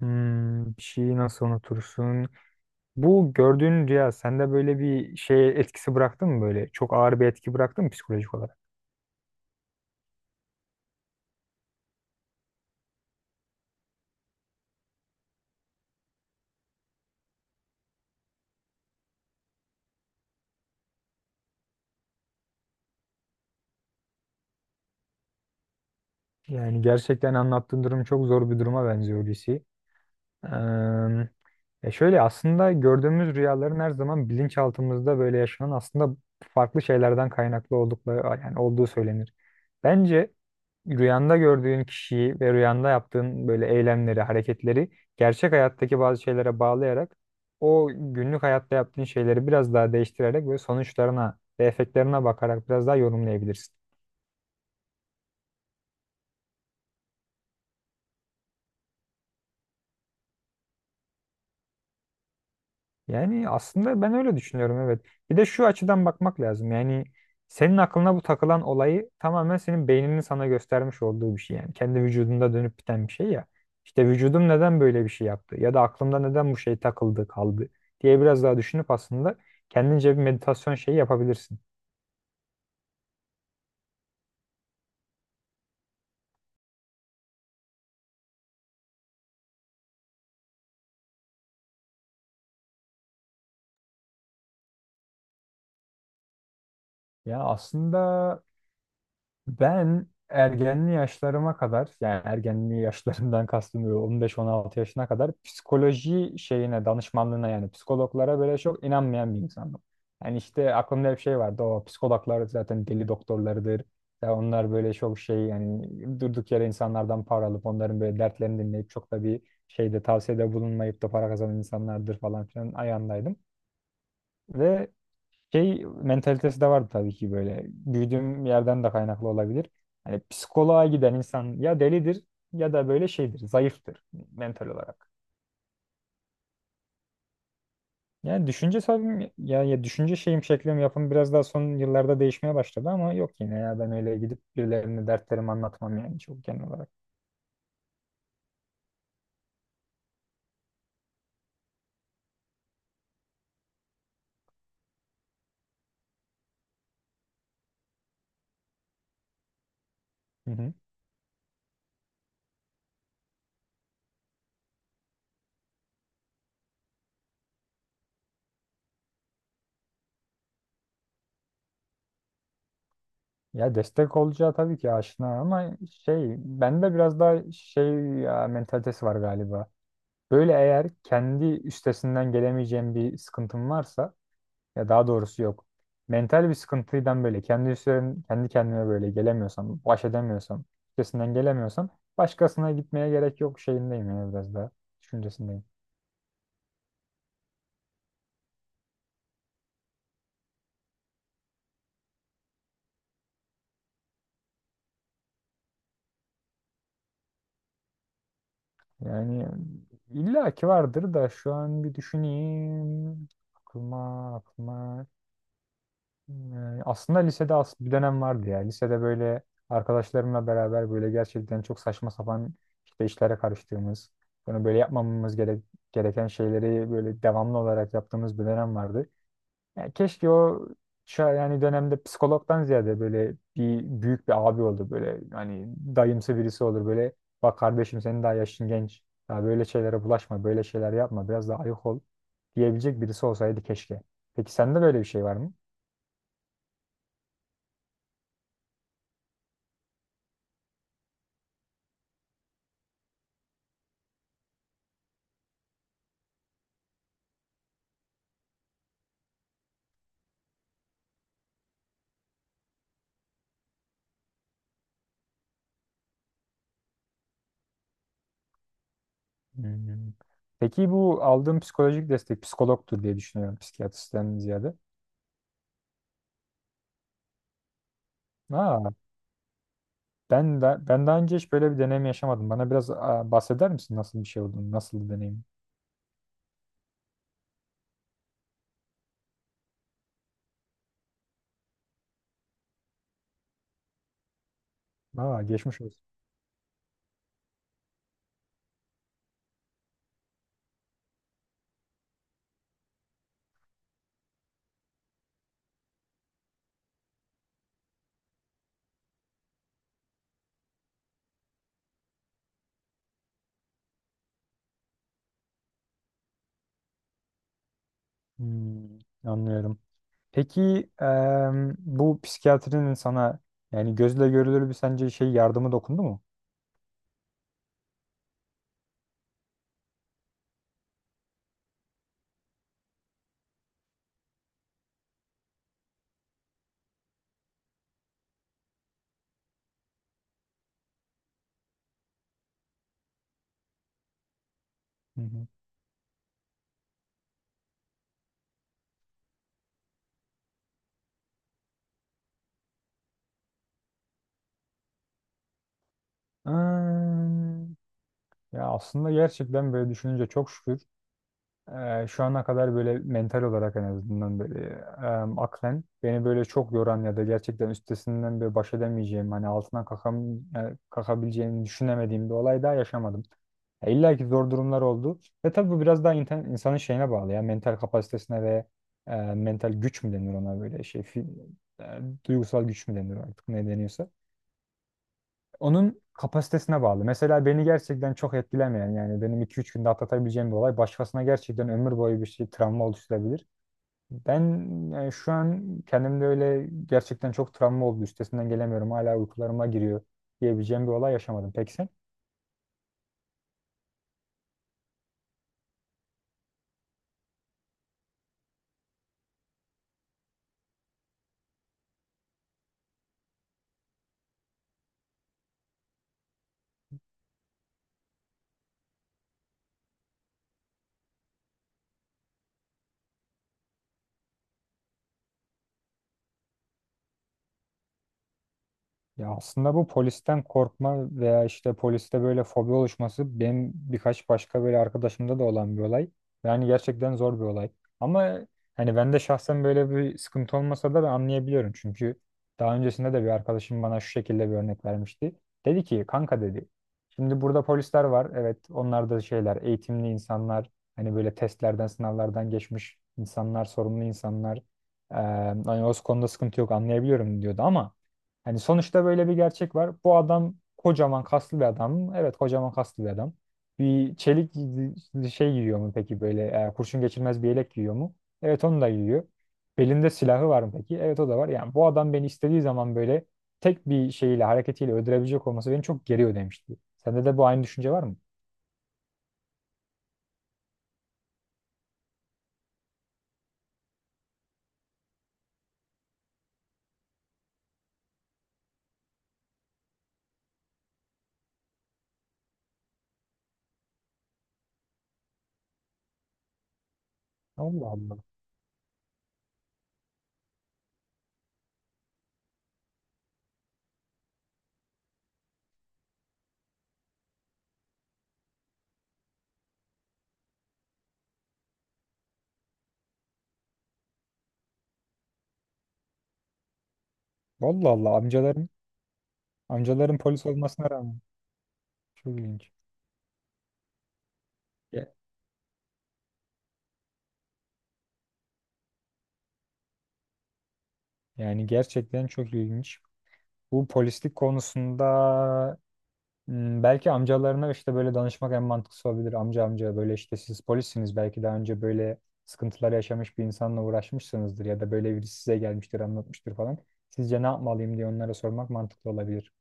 Hmm, bir şeyi nasıl unutursun? Bu gördüğün rüya sende böyle bir şey etkisi bıraktı mı böyle? Çok ağır bir etki bıraktı mı psikolojik olarak? Yani gerçekten anlattığın durum çok zor bir duruma benziyor Hulusi. Eee, Şöyle aslında gördüğümüz rüyaların her zaman bilinçaltımızda böyle yaşanan aslında farklı şeylerden kaynaklı oldukları yani olduğu söylenir. Bence rüyanda gördüğün kişiyi ve rüyanda yaptığın böyle eylemleri, hareketleri gerçek hayattaki bazı şeylere bağlayarak o günlük hayatta yaptığın şeyleri biraz daha değiştirerek ve sonuçlarına ve efektlerine bakarak biraz daha yorumlayabilirsin. Yani aslında ben öyle düşünüyorum, evet. Bir de şu açıdan bakmak lazım. Yani senin aklına bu takılan olayı tamamen senin beyninin sana göstermiş olduğu bir şey. Yani kendi vücudunda dönüp biten bir şey ya. İşte vücudum neden böyle bir şey yaptı ya da aklımda neden bu şey takıldı kaldı diye biraz daha düşünüp aslında kendince bir meditasyon şeyi yapabilirsin. Ya aslında ben ergenli yaşlarıma kadar, yani ergenli yaşlarımdan kastım 15-16 yaşına kadar, psikoloji şeyine, danışmanlığına, yani psikologlara böyle çok inanmayan bir insandım. Yani işte aklımda hep şey vardı, o psikologlar zaten deli doktorlarıdır. Ya onlar böyle çok şey, yani durduk yere insanlardan para alıp onların böyle dertlerini dinleyip çok da bir şeyde tavsiyede bulunmayıp da para kazanan insanlardır falan filan ayağındaydım. Ve şey mentalitesi de vardı tabii ki böyle. Büyüdüğüm yerden de kaynaklı olabilir. Hani psikoloğa giden insan ya delidir ya da böyle şeydir, zayıftır mental olarak. Yani düşünce tabii ya, ya düşünce şeyim, şeklim, yapım biraz daha son yıllarda değişmeye başladı ama yok, yine ya, ben öyle gidip birilerine dertlerimi anlatmam, yani çok genel olarak. Hı hı. Ya destek olacağı tabii ki aşina ama şey, bende biraz daha şey ya, mentalitesi var galiba. Böyle eğer kendi üstesinden gelemeyeceğim bir sıkıntım varsa, ya daha doğrusu yok, mental bir sıkıntıdan böyle kendi üstlerim, kendi kendime böyle gelemiyorsam, baş edemiyorsam, üstesinden gelemiyorsam başkasına gitmeye gerek yok şeyindeyim, yani biraz daha düşüncesindeyim. Yani illaki vardır da şu an bir düşüneyim. Aklıma Yani aslında lisede as bir dönem vardı ya. Lisede böyle arkadaşlarımla beraber böyle gerçekten çok saçma sapan işte işlere karıştığımız, bunu böyle yapmamamız gerek gereken şeyleri böyle devamlı olarak yaptığımız bir dönem vardı. Yani keşke o şu an yani dönemde psikologdan ziyade böyle bir büyük bir abi olur böyle, hani dayımsı birisi olur böyle, bak kardeşim senin daha yaşın genç. Daha böyle şeylere bulaşma, böyle şeyler yapma, biraz daha ayık ol diyebilecek birisi olsaydı keşke. Peki sende böyle bir şey var mı? Hmm. Peki bu aldığım psikolojik destek psikologtur diye düşünüyorum, psikiyatristen ziyade. Aa, ben daha önce hiç böyle bir deneyim yaşamadım. Bana biraz, aa, bahseder misin nasıl bir şey olduğunu, nasıl bir deneyim? Aa, geçmiş olsun. Hmm, anlıyorum. Peki bu psikiyatrinin sana yani gözle görülür bir sence şey yardımı dokundu mu? Hı hı. Hmm, ya aslında gerçekten böyle düşününce çok şükür şu ana kadar böyle mental olarak en azından böyle, aklen beni böyle çok yoran ya da gerçekten üstesinden böyle baş edemeyeceğim, hani altından kalkam, kalkabileceğimi düşünemediğim bir olay daha yaşamadım. İlla ki zor durumlar oldu. Ve tabii bu biraz daha insanın şeyine bağlı ya, mental kapasitesine ve, mental güç mü denir ona, böyle şey e, duygusal güç mü denir artık, ne deniyorsa onun kapasitesine bağlı. Mesela beni gerçekten çok etkilemeyen, yani benim 2-3 günde atlatabileceğim bir olay başkasına gerçekten ömür boyu bir şey travma oluşturabilir. Ben yani şu an kendimde öyle gerçekten çok travma oldu, üstesinden gelemiyorum, hala uykularıma giriyor diyebileceğim bir olay yaşamadım. Peki sen? Ya aslında bu polisten korkma veya işte poliste böyle fobi oluşması benim birkaç başka böyle arkadaşımda da olan bir olay. Yani gerçekten zor bir olay. Ama hani ben de şahsen böyle bir sıkıntı olmasa da ben anlayabiliyorum. Çünkü daha öncesinde de bir arkadaşım bana şu şekilde bir örnek vermişti. Dedi ki kanka dedi. Şimdi burada polisler var. Evet onlar da şeyler, eğitimli insanlar. Hani böyle testlerden sınavlardan geçmiş insanlar, sorumlu insanlar. Ee, hani o konuda sıkıntı yok, anlayabiliyorum diyordu ama hani sonuçta böyle bir gerçek var. Bu adam kocaman kaslı bir adam mı? Evet, kocaman kaslı bir adam. Bir çelik şey giyiyor mu peki, böyle, kurşun geçirmez bir yelek giyiyor mu? Evet, onu da giyiyor. Belinde silahı var mı peki? Evet, o da var. Yani bu adam beni istediği zaman böyle tek bir şeyle, hareketiyle öldürebilecek olması beni çok geriyor demişti. Sende de bu aynı düşünce var mı? Allah Allah. Vallahi Allah, amcaların, amcaların polis olmasına rağmen çok ilginç. Ya- Yani gerçekten çok ilginç. Bu polislik konusunda, hmm, belki amcalarına işte böyle danışmak en mantıklısı olabilir. Amca, böyle işte siz polissiniz, belki daha önce böyle sıkıntılar yaşamış bir insanla uğraşmışsınızdır ya da böyle biri size gelmiştir anlatmıştır falan. Sizce ne yapmalıyım diye onlara sormak mantıklı olabilir.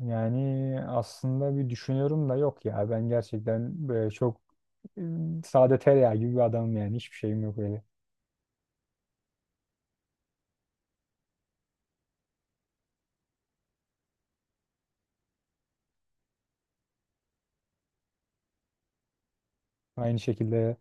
Yani aslında bir düşünüyorum da yok ya, ben gerçekten böyle çok, e, sade tereyağı gibi bir adamım, yani hiçbir şeyim yok öyle. Aynı şekilde.